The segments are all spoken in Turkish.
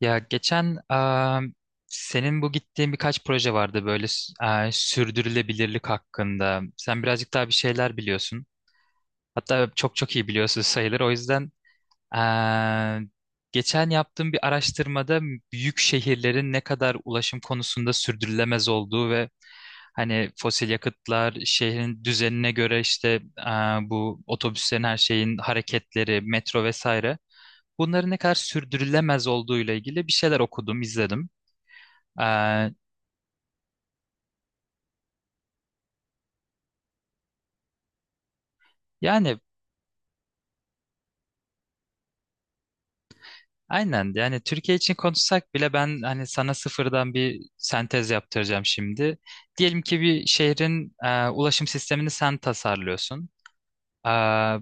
Ya geçen senin bu gittiğin birkaç proje vardı böyle sürdürülebilirlik hakkında. Sen birazcık daha bir şeyler biliyorsun. Hatta çok çok iyi biliyorsun sayılır. O yüzden eee, geçen yaptığım bir araştırmada büyük şehirlerin ne kadar ulaşım konusunda sürdürülemez olduğu ve hani fosil yakıtlar şehrin düzenine göre işte bu otobüslerin her şeyin hareketleri, metro vesaire bunların ne kadar sürdürülemez olduğuyla ilgili bir şeyler okudum, izledim. Ee, Yani aynen, yani Türkiye için konuşsak bile ben hani sana sıfırdan bir sentez yaptıracağım şimdi. Diyelim ki bir şehrin ulaşım sistemini sen tasarlıyorsun. Ee,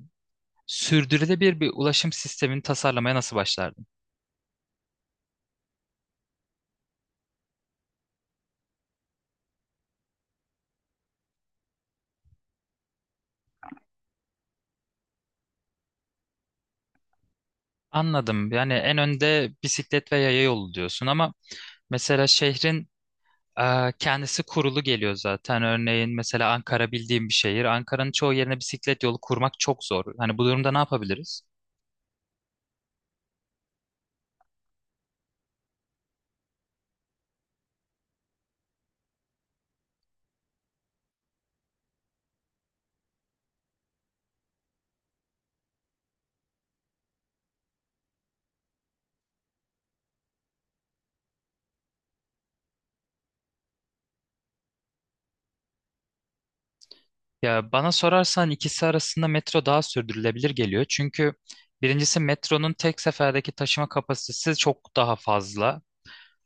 Sürdürülebilir bir ulaşım sistemini tasarlamaya nasıl başlardın? Anladım. Yani en önde bisiklet ve yaya yolu diyorsun ama mesela şehrin kendisi kurulu geliyor zaten. Örneğin mesela Ankara bildiğim bir şehir. Ankara'nın çoğu yerine bisiklet yolu kurmak çok zor. Hani bu durumda ne yapabiliriz? Ya bana sorarsan ikisi arasında metro daha sürdürülebilir geliyor. Çünkü birincisi metronun tek seferdeki taşıma kapasitesi çok daha fazla.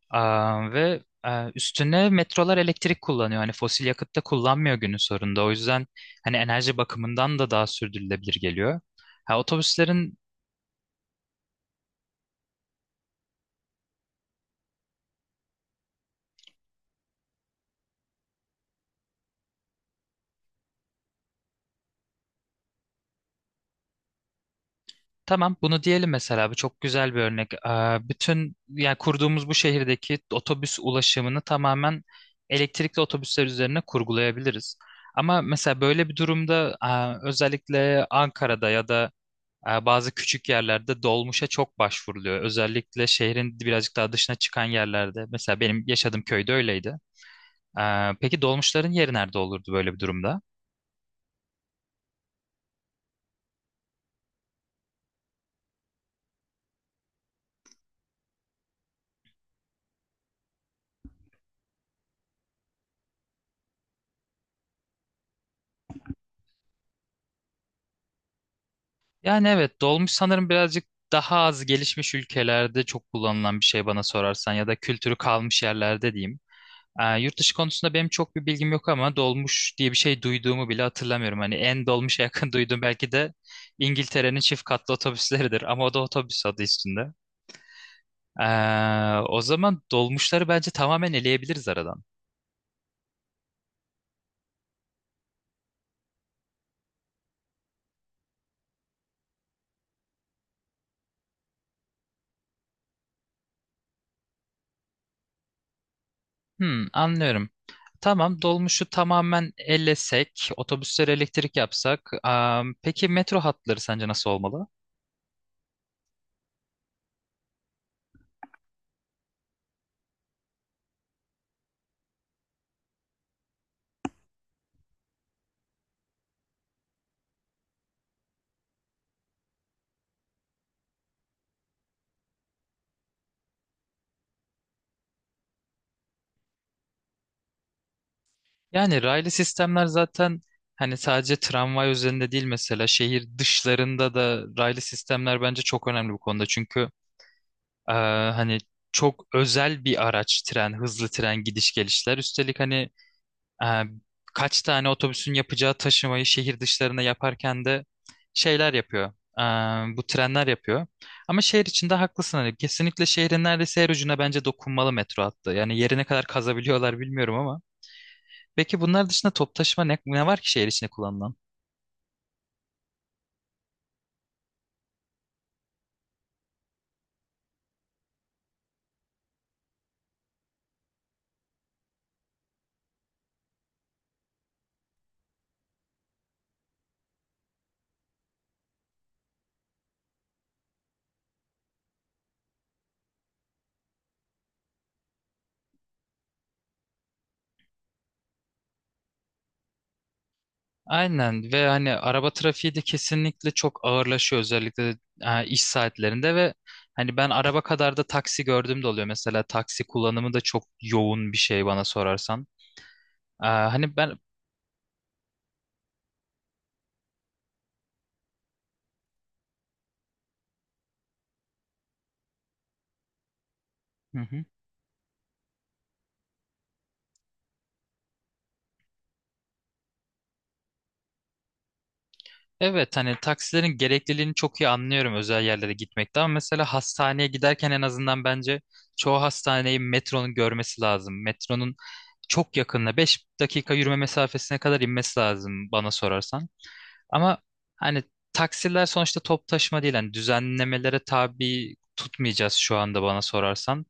Ve üstüne metrolar elektrik kullanıyor. Hani fosil yakıt da kullanmıyor günün sonunda. O yüzden hani enerji bakımından da daha sürdürülebilir geliyor. Ha, otobüslerin Tamam, bunu diyelim mesela. Bu çok güzel bir örnek. Bütün, yani kurduğumuz bu şehirdeki otobüs ulaşımını tamamen elektrikli otobüsler üzerine kurgulayabiliriz. Ama mesela böyle bir durumda özellikle Ankara'da ya da bazı küçük yerlerde dolmuşa çok başvuruluyor. Özellikle şehrin birazcık daha dışına çıkan yerlerde. Mesela benim yaşadığım köyde öyleydi. Peki dolmuşların yeri nerede olurdu böyle bir durumda? Yani evet, dolmuş sanırım birazcık daha az gelişmiş ülkelerde çok kullanılan bir şey bana sorarsan, ya da kültürü kalmış yerlerde diyeyim. Yurt dışı konusunda benim çok bir bilgim yok ama dolmuş diye bir şey duyduğumu bile hatırlamıyorum. Hani en dolmuşa yakın duyduğum belki de İngiltere'nin çift katlı otobüsleridir ama o da otobüs, adı üstünde. O zaman dolmuşları bence tamamen eleyebiliriz aradan. Anlıyorum. Tamam, dolmuşu tamamen ellesek, otobüsleri elektrik yapsak. Peki metro hatları sence nasıl olmalı? Yani raylı sistemler zaten, hani sadece tramvay üzerinde değil, mesela şehir dışlarında da raylı sistemler bence çok önemli bu konuda. Çünkü eee, hani çok özel bir araç tren, hızlı tren gidiş gelişler. Üstelik hani eee, kaç tane otobüsün yapacağı taşımayı şehir dışlarına yaparken de şeyler yapıyor. Bu trenler yapıyor. Ama şehir içinde haklısın, hani kesinlikle şehrin neredeyse her ucuna bence dokunmalı metro hattı. Yani yerine kadar kazabiliyorlar bilmiyorum ama peki bunlar dışında top taşıma ne var ki şehir içinde kullanılan? Aynen, ve hani araba trafiği de kesinlikle çok ağırlaşıyor, özellikle iş saatlerinde ve hani ben araba kadar da taksi gördüğüm de oluyor. Mesela taksi kullanımı da çok yoğun bir şey bana sorarsan. Hani ben. Hı hı. Evet, hani taksilerin gerekliliğini çok iyi anlıyorum özel yerlere gitmekte, ama mesela hastaneye giderken en azından bence çoğu hastaneyi metronun görmesi lazım. Metronun çok yakında 5 dakika yürüme mesafesine kadar inmesi lazım bana sorarsan. Ama hani taksiler sonuçta top taşıma değil. Hani düzenlemelere tabi tutmayacağız şu anda bana sorarsan.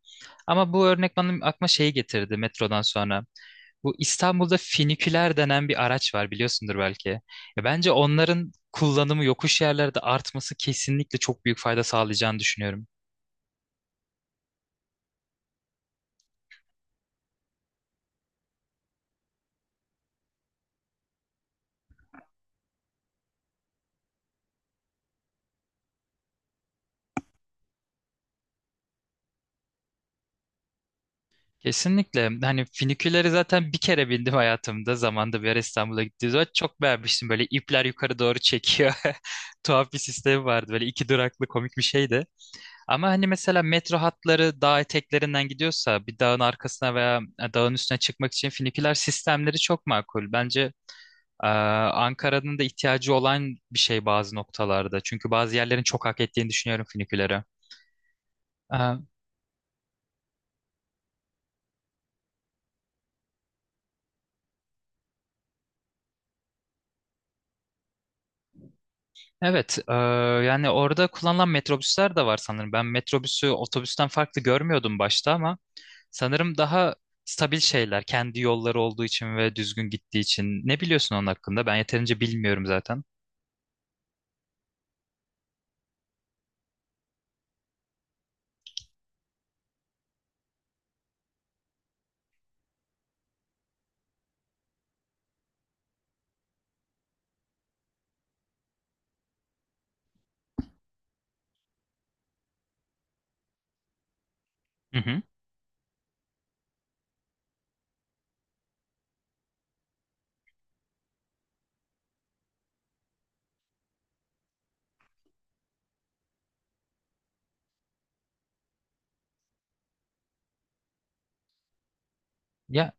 Ama bu örnek benim aklıma şeyi getirdi metrodan sonra. Bu İstanbul'da finiküler denen bir araç var, biliyorsundur belki. Ya bence onların kullanımı yokuş yerlerde artması kesinlikle çok büyük fayda sağlayacağını düşünüyorum. Kesinlikle. Hani füniküleri zaten bir kere bindim hayatımda. Zamanında bir ara İstanbul'a gittiğimiz zaman çok beğenmiştim. Böyle ipler yukarı doğru çekiyor. Tuhaf bir sistemi vardı. Böyle iki duraklı komik bir şeydi. Ama hani mesela metro hatları dağ eteklerinden gidiyorsa bir dağın arkasına veya dağın üstüne çıkmak için füniküler sistemleri çok makul. Bence Ankara'nın da ihtiyacı olan bir şey bazı noktalarda. Çünkü bazı yerlerin çok hak ettiğini düşünüyorum fünikülere. Evet. Yani orada kullanılan metrobüsler de var sanırım. Ben metrobüsü otobüsten farklı görmüyordum başta ama sanırım daha stabil şeyler. Kendi yolları olduğu için ve düzgün gittiği için. Ne biliyorsun onun hakkında? Ben yeterince bilmiyorum zaten. Hı hı. Ya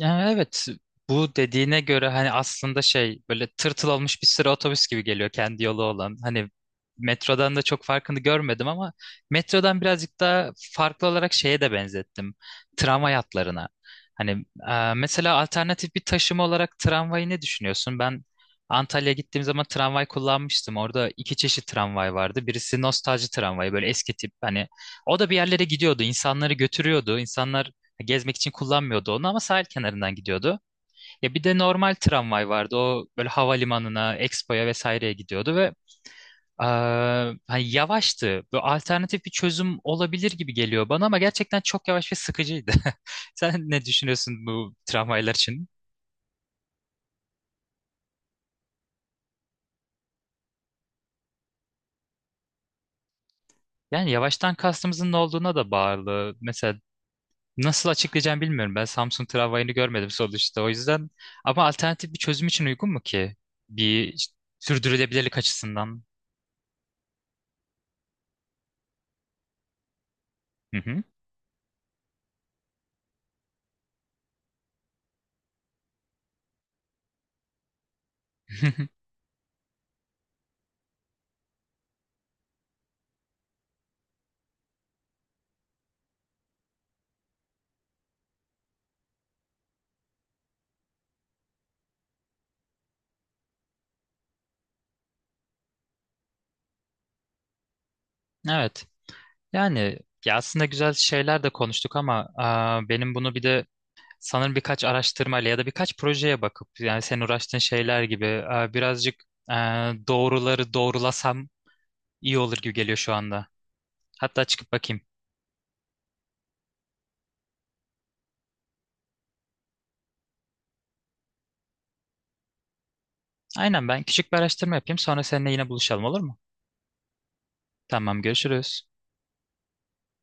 Yani evet, bu dediğine göre hani aslında şey, böyle tırtıl olmuş bir sıra otobüs gibi geliyor kendi yolu olan. Hani metrodan da çok farkını görmedim ama metrodan birazcık daha farklı olarak şeye de benzettim. Tramvay hatlarına. Hani mesela alternatif bir taşıma olarak tramvayı ne düşünüyorsun? Ben Antalya'ya gittiğim zaman tramvay kullanmıştım. Orada iki çeşit tramvay vardı. Birisi nostalji tramvayı, böyle eski tip. Hani o da bir yerlere gidiyordu, insanları götürüyordu. İnsanlar gezmek için kullanmıyordu onu ama sahil kenarından gidiyordu. Ya bir de normal tramvay vardı. O böyle havalimanına, Expo'ya vesaireye gidiyordu ve eee, hani yavaştı. Bu alternatif bir çözüm olabilir gibi geliyor bana ama gerçekten çok yavaş ve sıkıcıydı. Sen ne düşünüyorsun bu tramvaylar için? Yani yavaştan kastımızın ne olduğuna da bağlı. Mesela nasıl açıklayacağım bilmiyorum. Ben Samsung tramvayını görmedim sonuçta. O yüzden ama alternatif bir çözüm için uygun mu ki? Bir sürdürülebilirlik açısından. Hı hı. Evet. Yani ya aslında güzel şeyler de konuştuk ama benim bunu bir de sanırım birkaç araştırmayla ya da birkaç projeye bakıp, yani senin uğraştığın şeyler gibi birazcık doğruları doğrulasam iyi olur gibi geliyor şu anda. Hatta çıkıp bakayım. Aynen, ben küçük bir araştırma yapayım, sonra seninle yine buluşalım, olur mu? Tamam, görüşürüz.